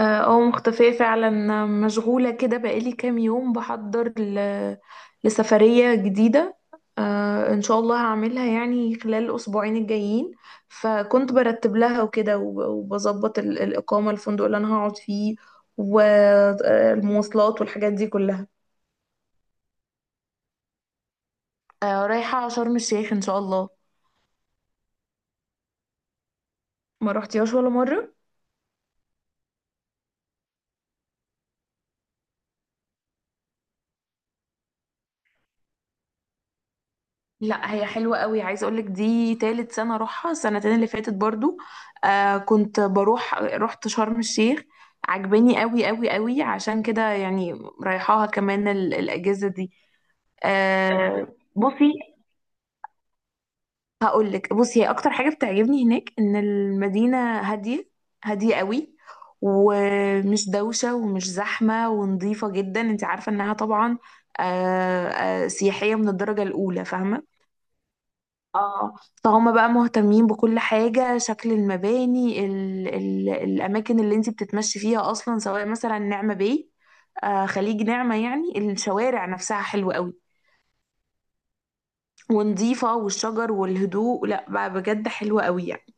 اه آه، مختفية فعلا. مشغولة كده بقالي كام يوم بحضر لسفرية جديدة. ان شاء الله هعملها يعني خلال الأسبوعين الجايين. فكنت برتب لها وكده وبظبط الإقامة، الفندق اللي أنا هقعد فيه والمواصلات والحاجات دي كلها. رايحة شرم الشيخ إن شاء الله. ما رحتيهاش ولا مرة؟ لا، هي حلوة قوي، عايزة اقولك دي تالت سنة اروحها، السنتين اللي فاتت برضو كنت بروح رحت شرم الشيخ. عجباني قوي قوي قوي، عشان كده يعني رايحاها كمان الاجازة دي. آه بصي، هقولك، بصي هي اكتر حاجة بتعجبني هناك ان المدينة هادية، هادية قوي، ومش دوشة ومش زحمة ونظيفة جدا، انت عارفة انها طبعا سياحية من الدرجة الاولى، فاهمة. اه فهم بقى مهتمين بكل حاجة، شكل المباني، ال ال الأماكن اللي انت بتتمشي فيها أصلا، سواء مثلا نعمة باي، خليج نعمة. يعني الشوارع نفسها حلوة قوي، ونظيفة، والشجر والهدوء، لا بقى بجد حلوة قوي يعني.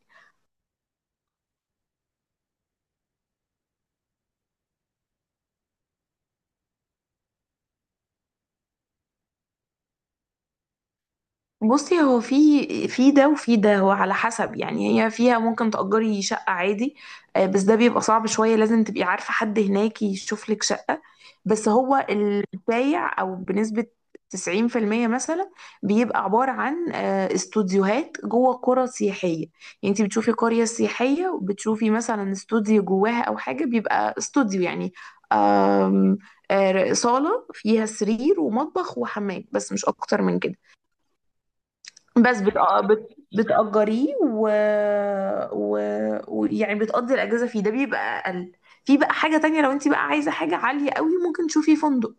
بصي، هو في ده وفي ده، هو على حسب يعني. هي فيها ممكن تأجري شقة عادي، بس ده بيبقى صعب شوية، لازم تبقي عارفة حد هناك يشوف لك شقة. بس هو البايع أو بنسبة 90% مثلا بيبقى عبارة عن استوديوهات جوه قرى سياحية. يعني انت بتشوفي قرية سياحية وبتشوفي مثلا استوديو جواها أو حاجة، بيبقى استوديو يعني، آم، آه، صالة فيها سرير ومطبخ وحمام، بس مش أكتر من كده. بس بت... آه، بت... بتأجريه و... و يعني بتقضي الأجازة فيه. ده بيبقى أقل. في بقى حاجة تانية، لو انت بقى عايزة حاجة عالية قوي ممكن تشوفي فندق.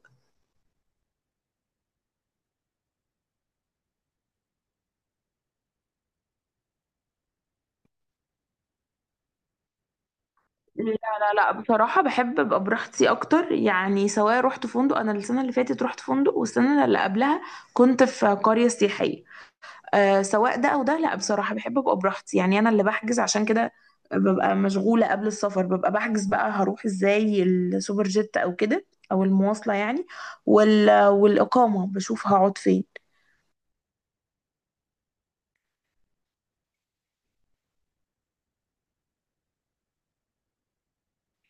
لا لا لا، بصراحة بحب ابقى براحتي اكتر، يعني سواء رحت فندق، انا السنة اللي فاتت رحت فندق، والسنة اللي قبلها كنت في قرية سياحية. سواء ده او ده، لا بصراحه بحب ابقى براحتي، يعني انا اللي بحجز عشان كده ببقى مشغوله قبل السفر، ببقى بحجز بقى هروح ازاي، السوبر جيت او كده، او المواصله يعني، والاقامه بشوف هقعد فين.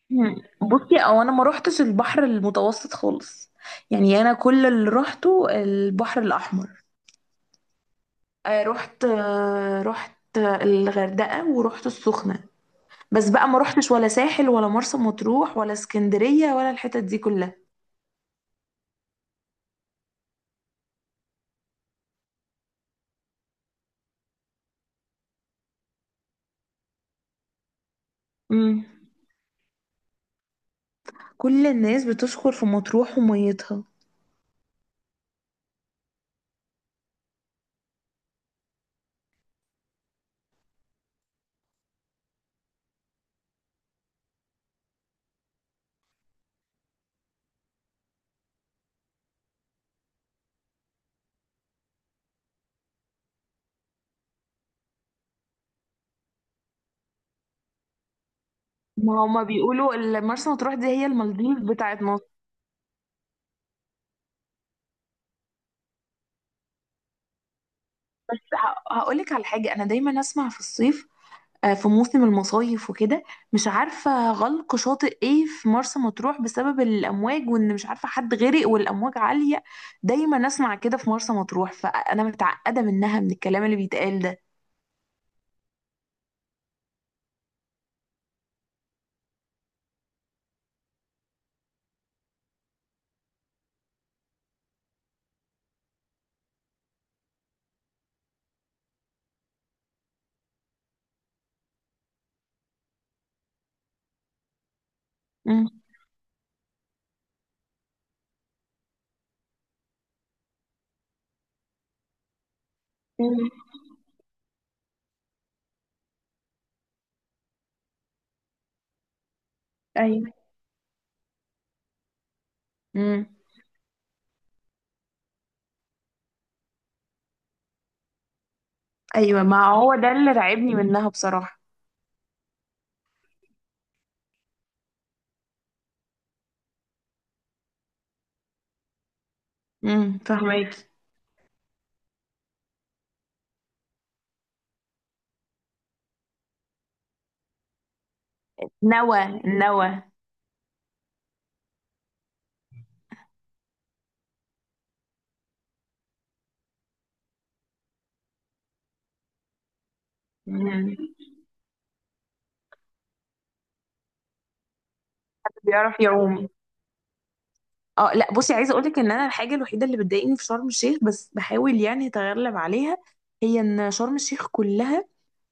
مم. بصي، او انا ما روحتش البحر المتوسط خالص، يعني انا كل اللي روحته البحر الاحمر. رحت الغردقه، ورحت السخنه، بس بقى ما روحتش ولا ساحل ولا مرسى مطروح ولا اسكندريه ولا الحتت دي كلها. مم. كل الناس بتشكر في مطروح وميتها. ما هما بيقولوا مرسى مطروح دي هي المالديف بتاعت مصر. هقولك على حاجة، أنا دايما أسمع في الصيف، في موسم المصايف وكده، مش عارفة غلق شاطئ ايه في مرسى مطروح بسبب الأمواج، وإن مش عارفة حد غرق والأمواج عالية. دايما أسمع كده في مرسى مطروح، فأنا متعقدة منها من الكلام اللي بيتقال ده. مم. مم. ايوه. مم. أيوة، ما هو ده اللي رعبني منها بصراحة. مم. فهماكي. نوى، نوى. مم. بيعرف يعوم. اه لا، بصي عايزه اقول لك ان انا الحاجه الوحيده اللي بتضايقني في شرم الشيخ، بس بحاول يعني اتغلب عليها، هي ان شرم الشيخ كلها،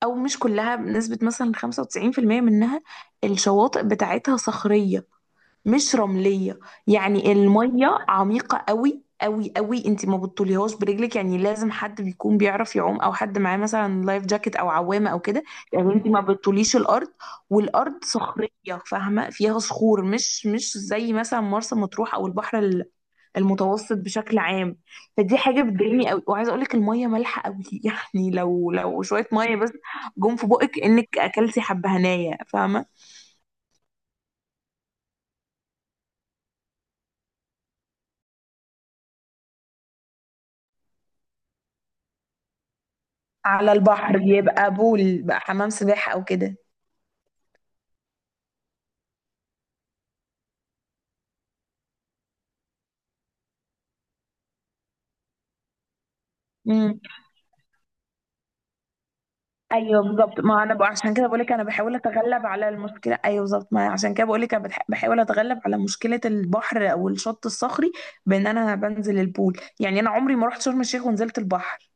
او مش كلها، بنسبه مثلا 95% منها، الشواطئ بتاعتها صخريه، مش رملية. يعني المية عميقة قوي قوي قوي، انت ما بتطوليهاش برجلك، يعني لازم حد بيكون بيعرف يعوم، او حد معاه مثلا لايف جاكيت او عوامة او كده. يعني انت ما بتطوليش الارض، والارض صخرية، فاهمة، فيها صخور، مش زي مثلا مرسى مطروح او البحر المتوسط بشكل عام. فدي حاجة بتضايقني قوي. وعايزة اقولك المية مالحة قوي يعني لو شوية مية بس جم في بقك، انك اكلتي حبهانية، فاهمة. على البحر، يبقى بول بقى، حمام سباحة أو كده. امم. ايوه بالظبط، ما انا بقى عشان كده بقول لك انا بحاول اتغلب على المشكله، ايوه بالظبط، ما عشان كده بقول لك انا بحاول اتغلب على مشكله البحر او الشط الصخري بان انا بنزل البول، يعني انا عمري ما رحت شرم الشيخ ونزلت البحر.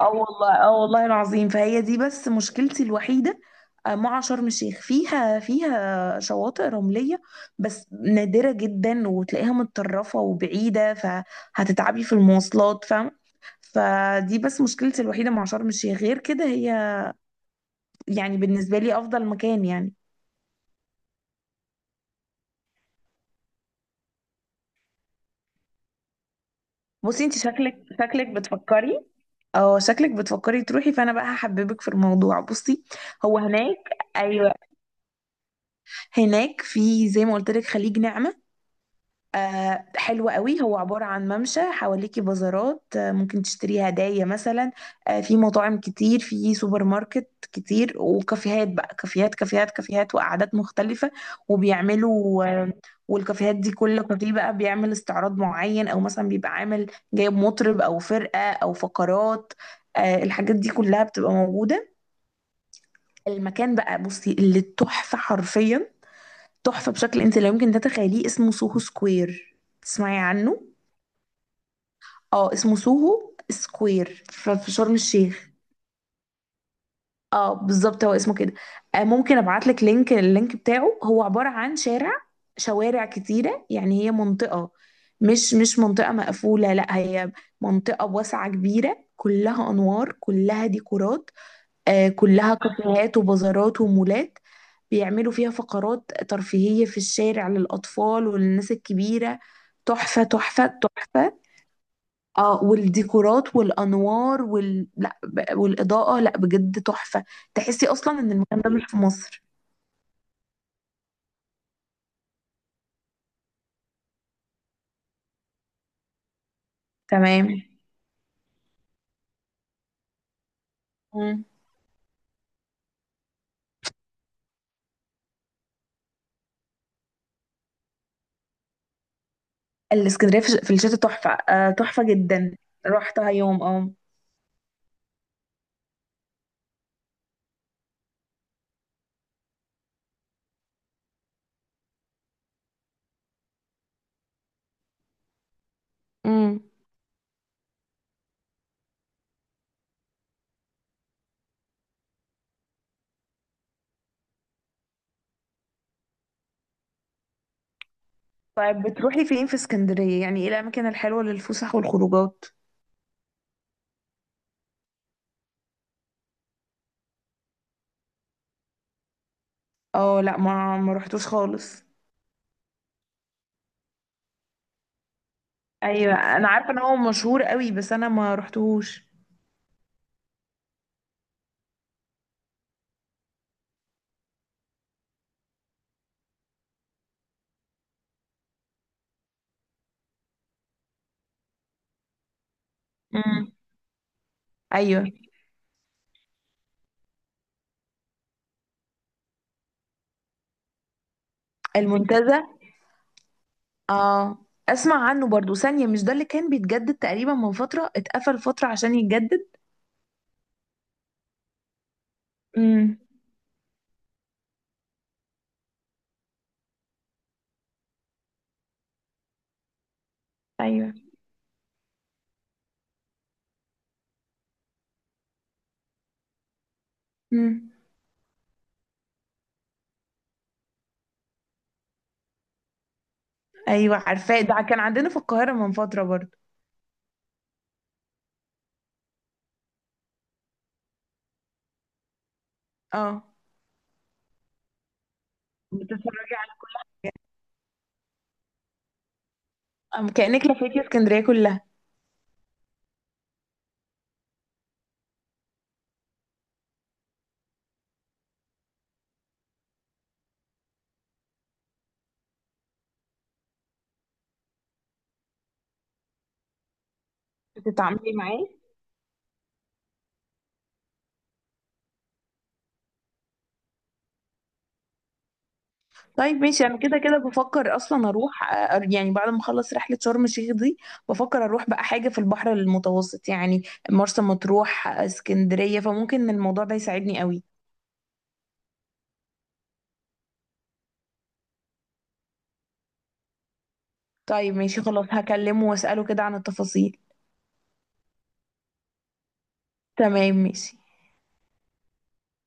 اه والله، اه والله العظيم، فهي دي بس مشكلتي الوحيدة، مع شرم الشيخ. فيها شواطئ رملية، بس نادرة جدا وتلاقيها متطرفة وبعيدة، فهتتعبي في المواصلات، فاهمة. فدي بس مشكلتي الوحيدة مع شرم الشيخ، غير كده هي يعني بالنسبة لي أفضل مكان يعني. بصي، انت شكلك بتفكري، اه شكلك بتفكري تروحي، فانا بقى هحببك في الموضوع. بصي، هو هناك، ايوه، هناك في زي ما قلت لك خليج نعمة، حلو قوي، هو عبارة عن ممشى، حواليكي بازارات، ممكن تشتري هدايا مثلا، في مطاعم كتير، في سوبر ماركت كتير، وكافيهات بقى، كافيهات كافيهات كافيهات، وقعدات مختلفة. وبيعملوا والكافيهات دي، كل كافيه بقى بيعمل استعراض معين، او مثلا بيبقى عامل، جايب مطرب او فرقة او فقرات، الحاجات دي كلها بتبقى موجودة. المكان بقى، بصي، اللي تحفة حرفيا، تحفة بشكل انت لا يمكن تتخيليه، اسمه سوهو سكوير، تسمعي عنه؟ اه، اسمه سوهو سكوير في شرم الشيخ. اه بالظبط، هو اسمه كده. ممكن ابعت لك لينك اللينك بتاعه. هو عبارة عن شوارع كتيرة، يعني هي منطقة، مش منطقة مقفولة، لا، هي منطقة واسعة كبيرة، كلها أنوار، كلها ديكورات، كلها كافيهات وبازارات ومولات، بيعملوا فيها فقرات ترفيهية في الشارع، للأطفال وللناس الكبيرة، تحفة تحفة تحفة. اه، والديكورات والانوار لا والاضاءه، لا بجد تحفه، تحسي اصلا ان المكان ده مش في مصر. تمام. مم. الاسكندريه في الشتاء تحفه، تحفه جدا، رحتها يوم مم. طيب، بتروحي فين في اسكندريه؟ يعني ايه الاماكن الحلوه للفسح والخروجات؟ اه لا، ما رحتوش خالص. ايوه، انا عارفه ان هو مشهور قوي، بس انا ما رحتوش. مم. ايوه، المنتزه. اه. اسمع عنه برضو ثانية، مش ده اللي كان بيتجدد تقريبا من فترة، اتقفل فترة عشان يتجدد؟ امم. ايوه. امم. ايوه عارفاه، ده كان عندنا في القاهرة من فترة برضو. اه. بتتفرجي على، كأنك لفيتي اسكندرية كلها. بتتعاملي معاه؟ طيب ماشي، انا كده كده بفكر اصلا اروح، يعني بعد ما اخلص رحلة شرم الشيخ دي، بفكر اروح بقى حاجة في البحر المتوسط يعني، مرسى مطروح، اسكندرية، فممكن الموضوع ده يساعدني قوي. طيب ماشي، خلاص هكلمه واسأله كده عن التفاصيل. تمام ماشي.